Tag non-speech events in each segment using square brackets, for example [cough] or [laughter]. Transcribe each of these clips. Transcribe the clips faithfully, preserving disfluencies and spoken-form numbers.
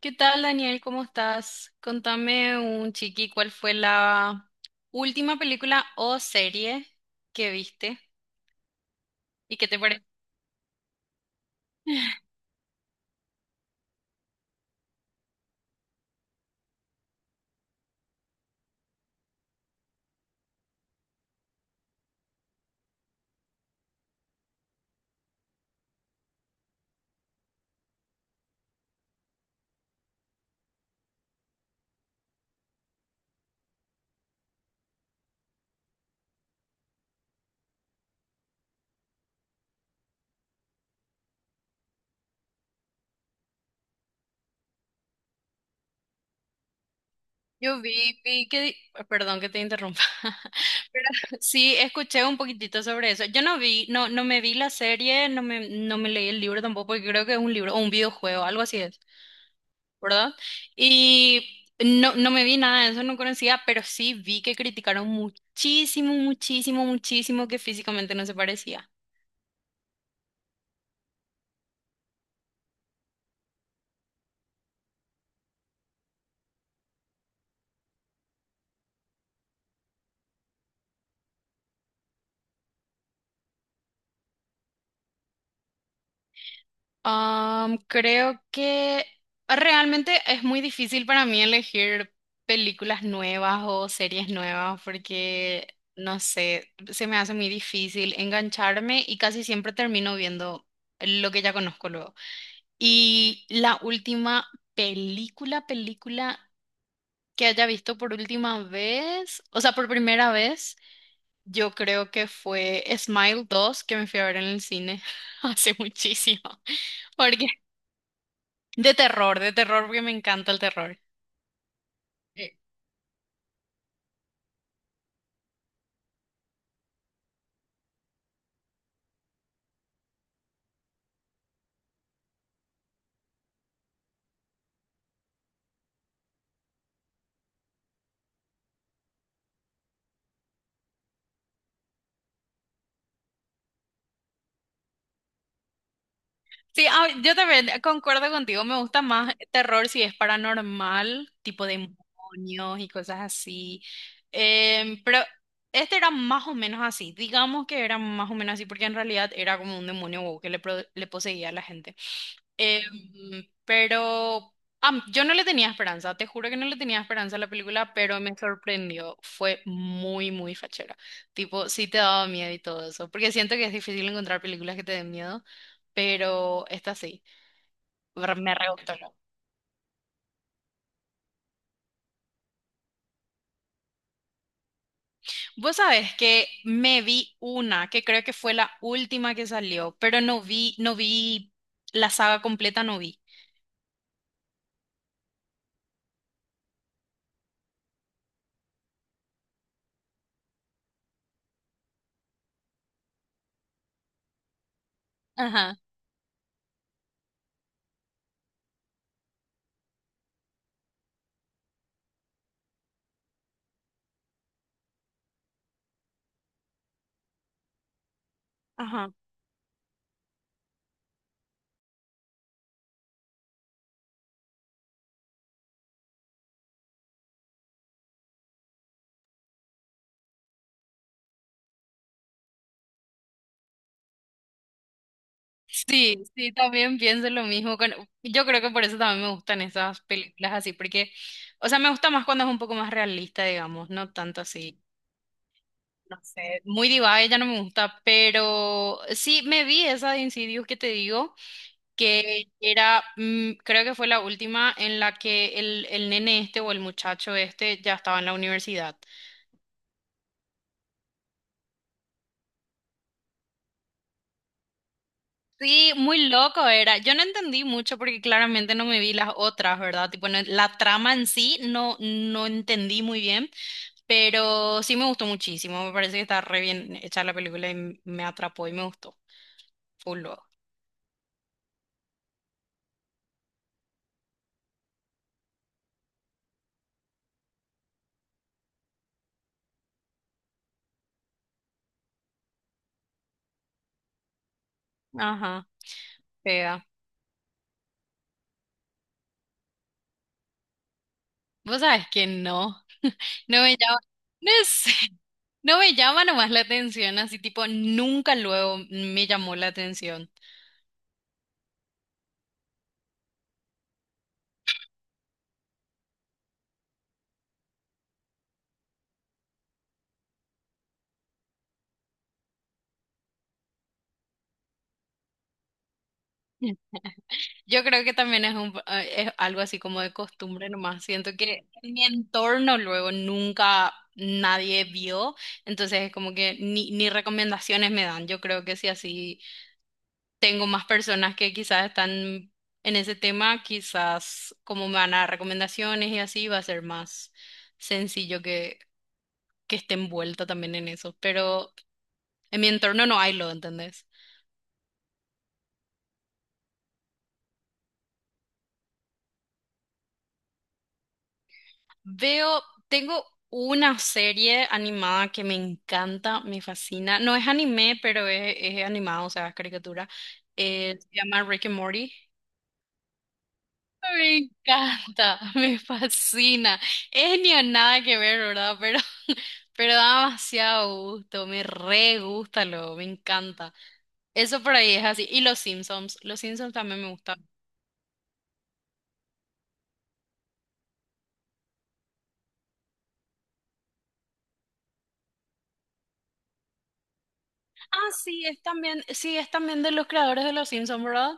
¿Qué tal, Daniel? ¿Cómo estás? Contame un chiqui, ¿cuál fue la última película o serie que viste? ¿Y qué te pareció? [laughs] Yo vi, vi que, di- perdón que te interrumpa, [laughs] pero sí escuché un poquitito sobre eso. Yo no vi, no, no me vi la serie, no me, no me leí el libro tampoco, porque creo que es un libro o un videojuego, algo así es, ¿verdad? Y no, no me vi nada de eso, no conocía, pero sí vi que criticaron muchísimo, muchísimo, muchísimo que físicamente no se parecía. Am, creo que realmente es muy difícil para mí elegir películas nuevas o series nuevas porque, no sé, se me hace muy difícil engancharme y casi siempre termino viendo lo que ya conozco luego. Y la última película, película que haya visto por última vez, o sea, por primera vez, yo creo que fue Smile dos que me fui a ver en el cine [laughs] hace muchísimo. Porque de terror, de terror, porque me encanta el terror. Eh, Sí, ah, yo también concuerdo contigo, me gusta más terror si es paranormal, tipo demonios y cosas así. Em, pero este era más o menos así, digamos que era más o menos así, porque en realidad era como un demonio wow, que le, pro- le poseía a la gente. Em, pero am, yo no le tenía esperanza, te juro que no le tenía esperanza a la película, pero me sorprendió. Fue muy, muy fachera. Tipo, sí te daba miedo y todo eso, porque siento que es difícil encontrar películas que te den miedo, pero esta sí, re- me re gustó. Vos sabés que me vi una, que creo que fue la última que salió, pero no vi, no vi la saga completa, no vi. Ajá. Sí, sí, también pienso lo mismo. con- Yo creo que por eso también me gustan esas películas así, porque, o sea, me gusta más cuando es un poco más realista, digamos, no tanto así, no sé, muy diva, ella no me gusta, pero sí, me vi esa de Insidious que te digo, que era, mm, creo que fue la última en la que el, el nene este o el muchacho este ya estaba en la universidad. Sí, muy loco era. Yo no entendí mucho porque claramente no me vi las otras, ¿verdad? Tipo, no- la trama en sí no, no entendí muy bien, pero sí me gustó muchísimo. Me parece que está re bien hecha la película y me atrapó y me gustó. Full loco. Ajá, pega. Vos sabés que no. No me llama. No sé. [laughs] No me llama nomás la atención, así tipo, nunca luego me llamó la atención. Yo creo que también es, un, eh, es algo así como de costumbre nomás. Siento que en mi entorno luego nunca nadie vio, entonces es como que ni, ni recomendaciones me dan. Yo creo que si así tengo más personas que quizás están en ese tema, quizás como me van a dar recomendaciones y así va a ser más sencillo que, que esté envuelta también en eso. Pero en mi entorno no hay lo, ¿entendés? Veo, tengo una serie animada que me encanta, me fascina. No es anime, pero es, es animado, o sea, es caricatura. Eh, se llama Rick and Morty. Me encanta, [laughs] me fascina. Es ni a nada que ver, ¿verdad? Pero, [laughs] pero da demasiado gusto, me re gusta, lo, me encanta. Eso por ahí es así. Y los Simpsons, los Simpsons también me gustan. Ah, sí, es también, sí, es también de los creadores de los Simpsons, ¿verdad?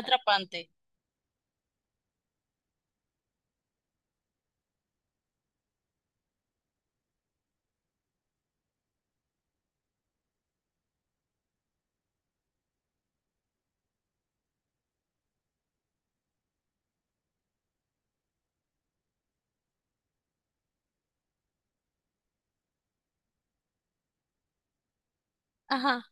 Atrapante. Ajá.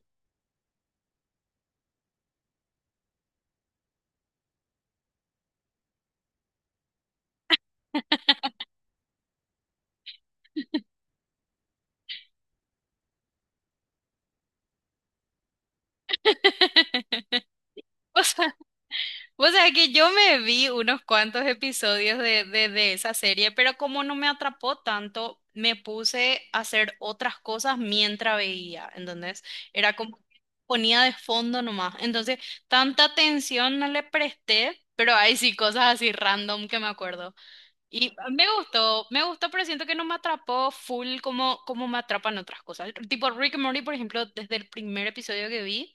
[laughs] O sea, o sea que yo me vi unos cuantos episodios de, de, de esa serie, pero como no me atrapó tanto, me puse a hacer otras cosas mientras veía, ¿entendés? Era como que ponía de fondo nomás. Entonces, tanta atención no le presté, pero hay sí cosas así random que me acuerdo. Y me gustó, me gustó, pero siento que no me atrapó full como, como me atrapan otras cosas. Tipo Rick and Morty, por ejemplo, desde el primer episodio que vi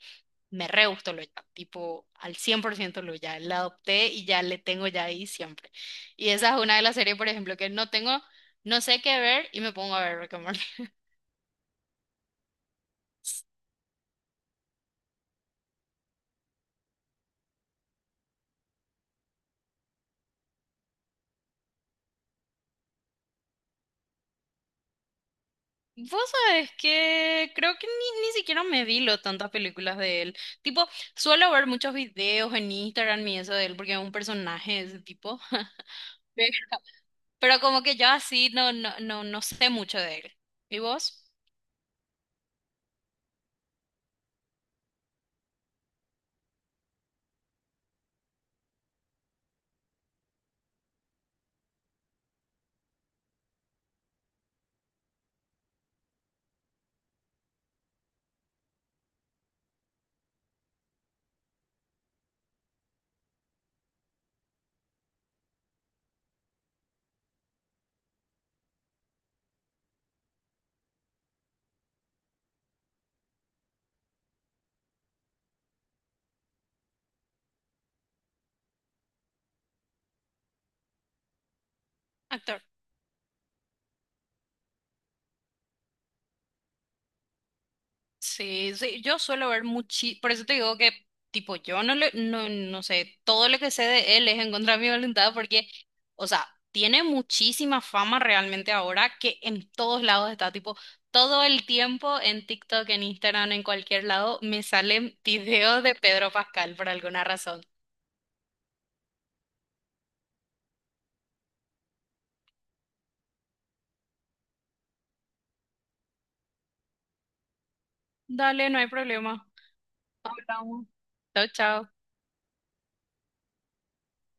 me re gustó Loya, tipo al cien por ciento Loya, la adopté y ya le tengo ya ahí siempre. Y esa es una de las series, por ejemplo, que no tengo, no sé qué ver y me pongo a ver Rick and Morty. [laughs] Vos sabés que creo que ni, ni siquiera me vi lo tantas películas de él. Tipo, suelo ver muchos videos en Instagram y eso de él porque es un personaje de ese tipo. [laughs] Pero como que yo así no, no, no, no sé mucho de él. ¿Y vos? Actor. Sí, sí, yo suelo ver muchísimo, por eso te digo que, tipo, yo no le, no, no sé, todo lo que sé de él es en contra de mi voluntad porque, o sea, tiene muchísima fama realmente ahora que en todos lados está, tipo, todo el tiempo en TikTok, en Instagram, en cualquier lado, me salen videos de Pedro Pascal por alguna razón. Dale, no hay problema. Hablamos. Chao, chao.